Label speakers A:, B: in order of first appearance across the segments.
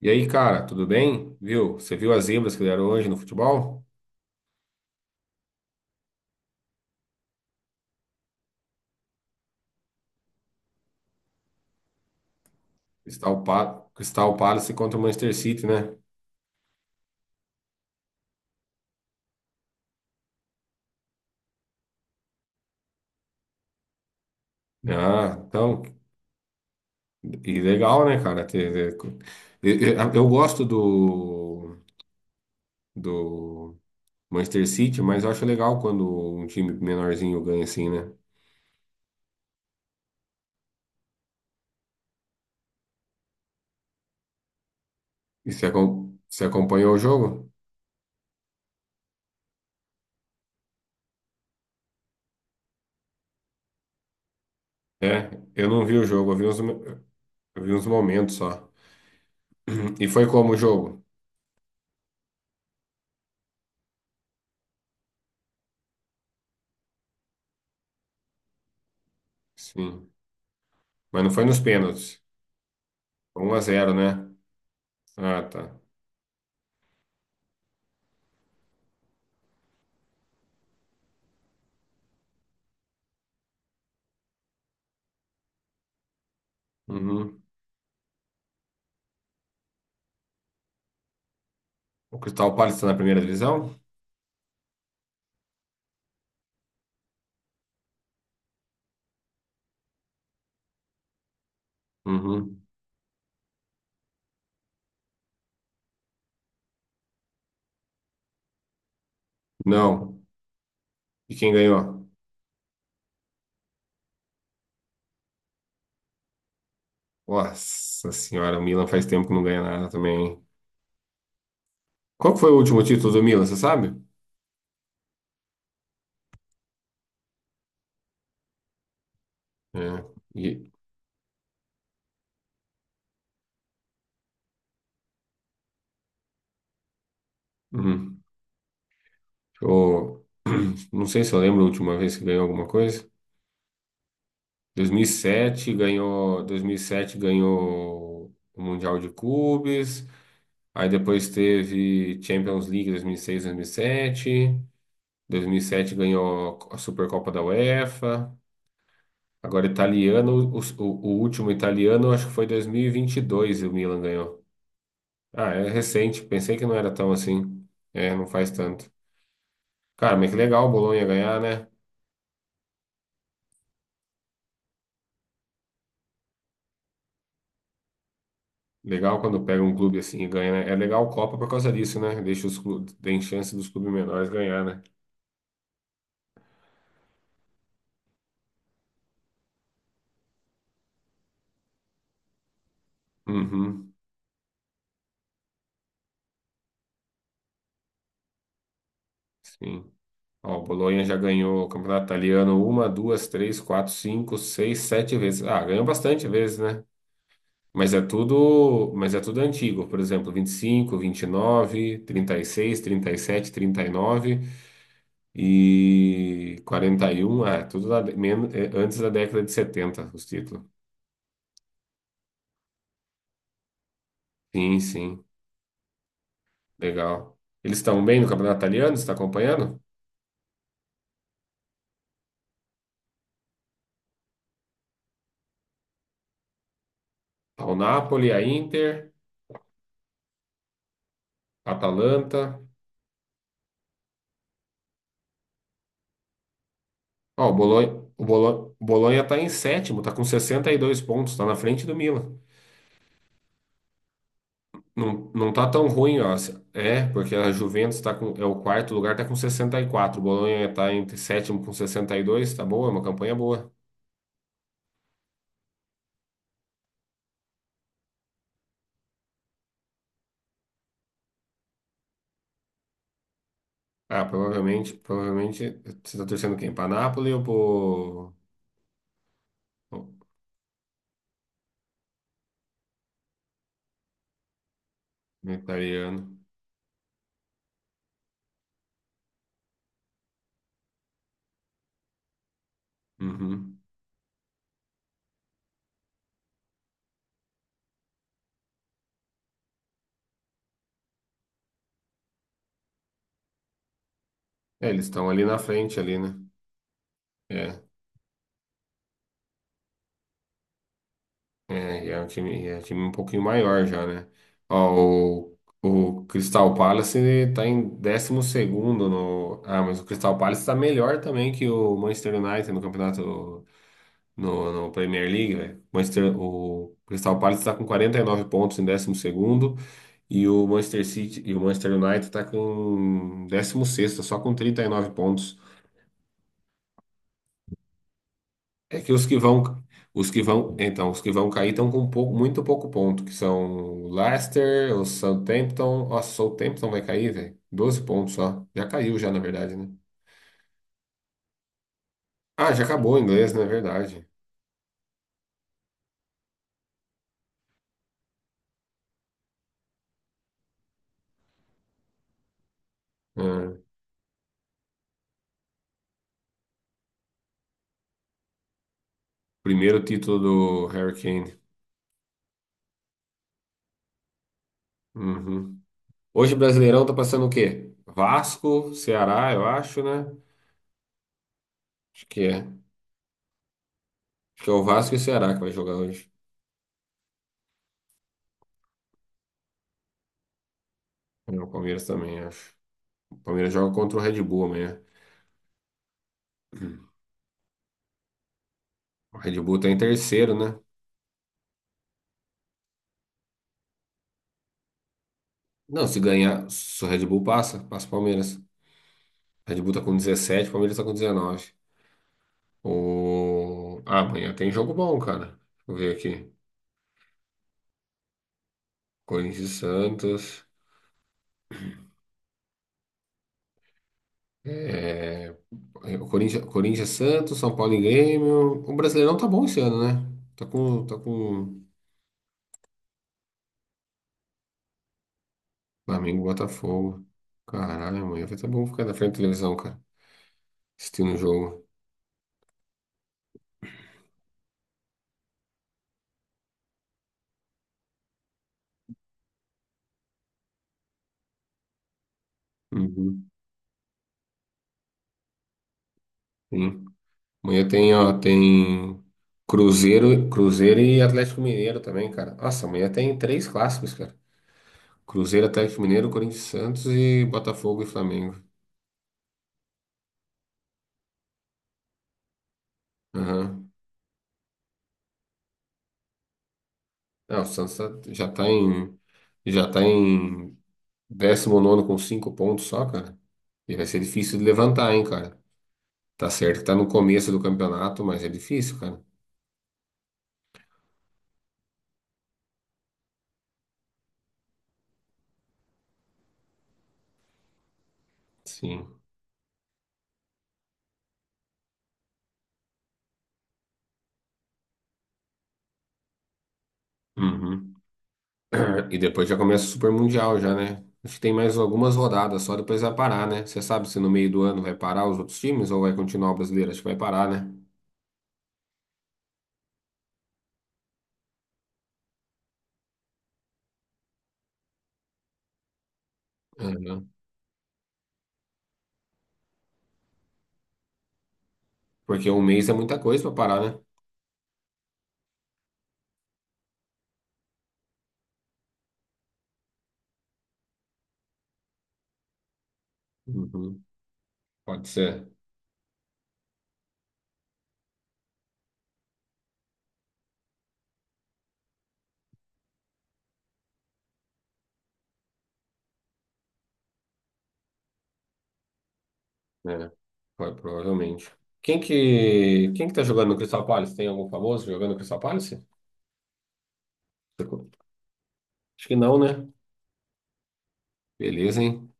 A: E aí, cara, tudo bem? Viu? Você viu as zebras que deram hoje no futebol? Crystal Palace contra o Manchester City, né? Ah, então, e legal, né, cara? Eu gosto do, do Manchester City, mas eu acho legal quando um time menorzinho ganha assim, né? E você, você acompanhou o jogo? É, eu não vi o jogo, eu vi uns momentos só. E foi como o jogo? Sim, mas não foi nos pênaltis. Um a zero, né? Ah, tá. Uhum. O Crystal Palace está na primeira divisão? Uhum. Não. E quem ganhou? Nossa senhora, o Milan faz tempo que não ganha nada também, hein? Qual que foi o último título do Milan, você sabe? É. E, uhum. Eu não sei se eu lembro a última vez que ganhou alguma coisa. 2007 ganhou, 2007 ganhou o Mundial de Clubes. Aí depois teve Champions League 2006, 2007. 2007 ganhou a Supercopa da UEFA. Agora, italiano, o último italiano, acho que foi 2022 e vinte e dois o Milan ganhou. Ah, é recente, pensei que não era tão assim. É, não faz tanto. Cara, mas que legal o Bolonha ganhar, né? Legal quando pega um clube assim e ganha, né? É legal a Copa por causa disso, né? Deixa os clubes, tem chance dos clubes menores ganhar, né? Uhum, sim. Ó, o Bolonha já ganhou o Campeonato Italiano uma, duas, três, quatro, cinco, seis, sete vezes. Ah, ganhou bastante vezes, né? Mas é tudo antigo, por exemplo, vinte e cinco vinte e nove trinta e seis trinta e sete, trinta e nove e sete 41, ah, é tudo da, é antes da década de 70 os títulos. Sim, sim, legal. Eles estão bem no campeonato italiano, você está acompanhando? Tá o Napoli, a Inter, a Atalanta. Ó, o Bolonha, o Bolonha tá em sétimo, tá com 62 pontos, tá na frente do Milan. Não, não tá tão ruim, ó. É, porque a Juventus tá com, é o quarto lugar, tá com 64. O Bolonha tá entre sétimo com 62 tá boa, é uma campanha boa. Ah, provavelmente, provavelmente, você tá torcendo quem? Pra Napoli ou pro, pro italiano? Uhum. É, eles estão ali na frente, ali, né? É. É, e é um time, e é um time um pouquinho maior já, né? Ó, o Crystal Palace tá em décimo segundo no... Ah, mas o Crystal Palace tá melhor também que o Manchester United no campeonato... no Premier League, velho. Manchester, o Crystal Palace tá com 49 pontos em décimo segundo e o Manchester City e o Manchester United tá com décimo sexto só com 39 pontos. É que os que vão, então, os que vão cair estão com pouco, muito pouco ponto, que são o Leicester, o Southampton. Nossa, o Southampton vai cair, velho. 12 pontos só. Já caiu já, na verdade, né? Ah, já acabou o inglês, na verdade. Ah, primeiro título do Harry Kane. Uhum. Hoje o Brasileirão tá passando o quê? Vasco, Ceará, eu acho, né? Acho que é. Acho que é o Vasco e o Ceará que vai jogar hoje. E o Palmeiras também, acho. O Palmeiras joga contra o Red Bull amanhã. O Red Bull tá em terceiro, né? Não, se ganhar, se o Red Bull passa, passa o Palmeiras. Red Bull tá com 17, Palmeiras tá com 19. O... Ah, amanhã tem jogo bom, cara. Deixa eu ver aqui. Corinthians e Santos. É... o Corinthians, Corinthians e Santos, São Paulo e Grêmio. O Brasileirão tá bom esse ano, né? Tá com Flamengo e Botafogo. Caralho, amanhã vai tá bom ficar na frente da televisão, cara. Assistindo o jogo. Uhum. Sim. Amanhã tem, ó, tem Cruzeiro, Cruzeiro e Atlético Mineiro também, cara. Nossa, amanhã tem três clássicos, cara. Cruzeiro, Atlético Mineiro, Corinthians, e Santos e Botafogo e Flamengo. Aham. Não, o já tá em décimo nono com 5 pontos só, cara. E vai ser difícil de levantar, hein, cara. Tá certo que tá no começo do campeonato, mas é difícil, cara. Sim. Uhum. E depois já começa o Super Mundial já, né? Acho que tem mais algumas rodadas, só depois vai parar, né? Você sabe se no meio do ano vai parar os outros times ou vai continuar o brasileiro? Acho que vai parar, né? Uhum. Porque um mês é muita coisa pra parar, né? Uhum. Pode ser. Né? Provavelmente. Quem que tá jogando no Crystal Palace? Tem algum famoso jogando no Crystal Palace? Acho que não, né? Beleza, hein?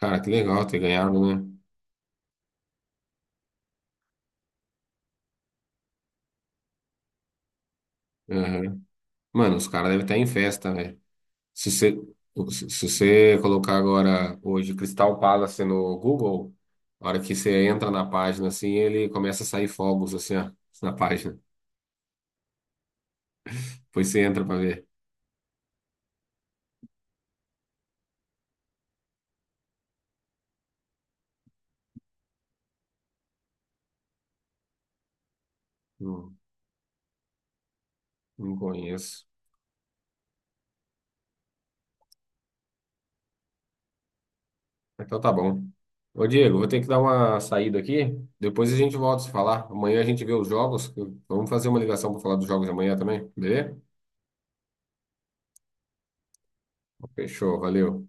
A: Cara, que legal ter ganhado, né? Uhum. Mano, os caras devem estar em festa, velho. Se você, se você colocar agora hoje Crystal Palace no Google, a hora que você entra na página, assim, ele começa a sair fogos, assim, ó, na página. Depois você entra pra ver. Não, não conheço. Então tá bom. Ô, Diego, vou ter que dar uma saída aqui. Depois a gente volta a se falar. Amanhã a gente vê os jogos. Vamos fazer uma ligação para falar dos jogos de amanhã também, beleza? Fechou, valeu.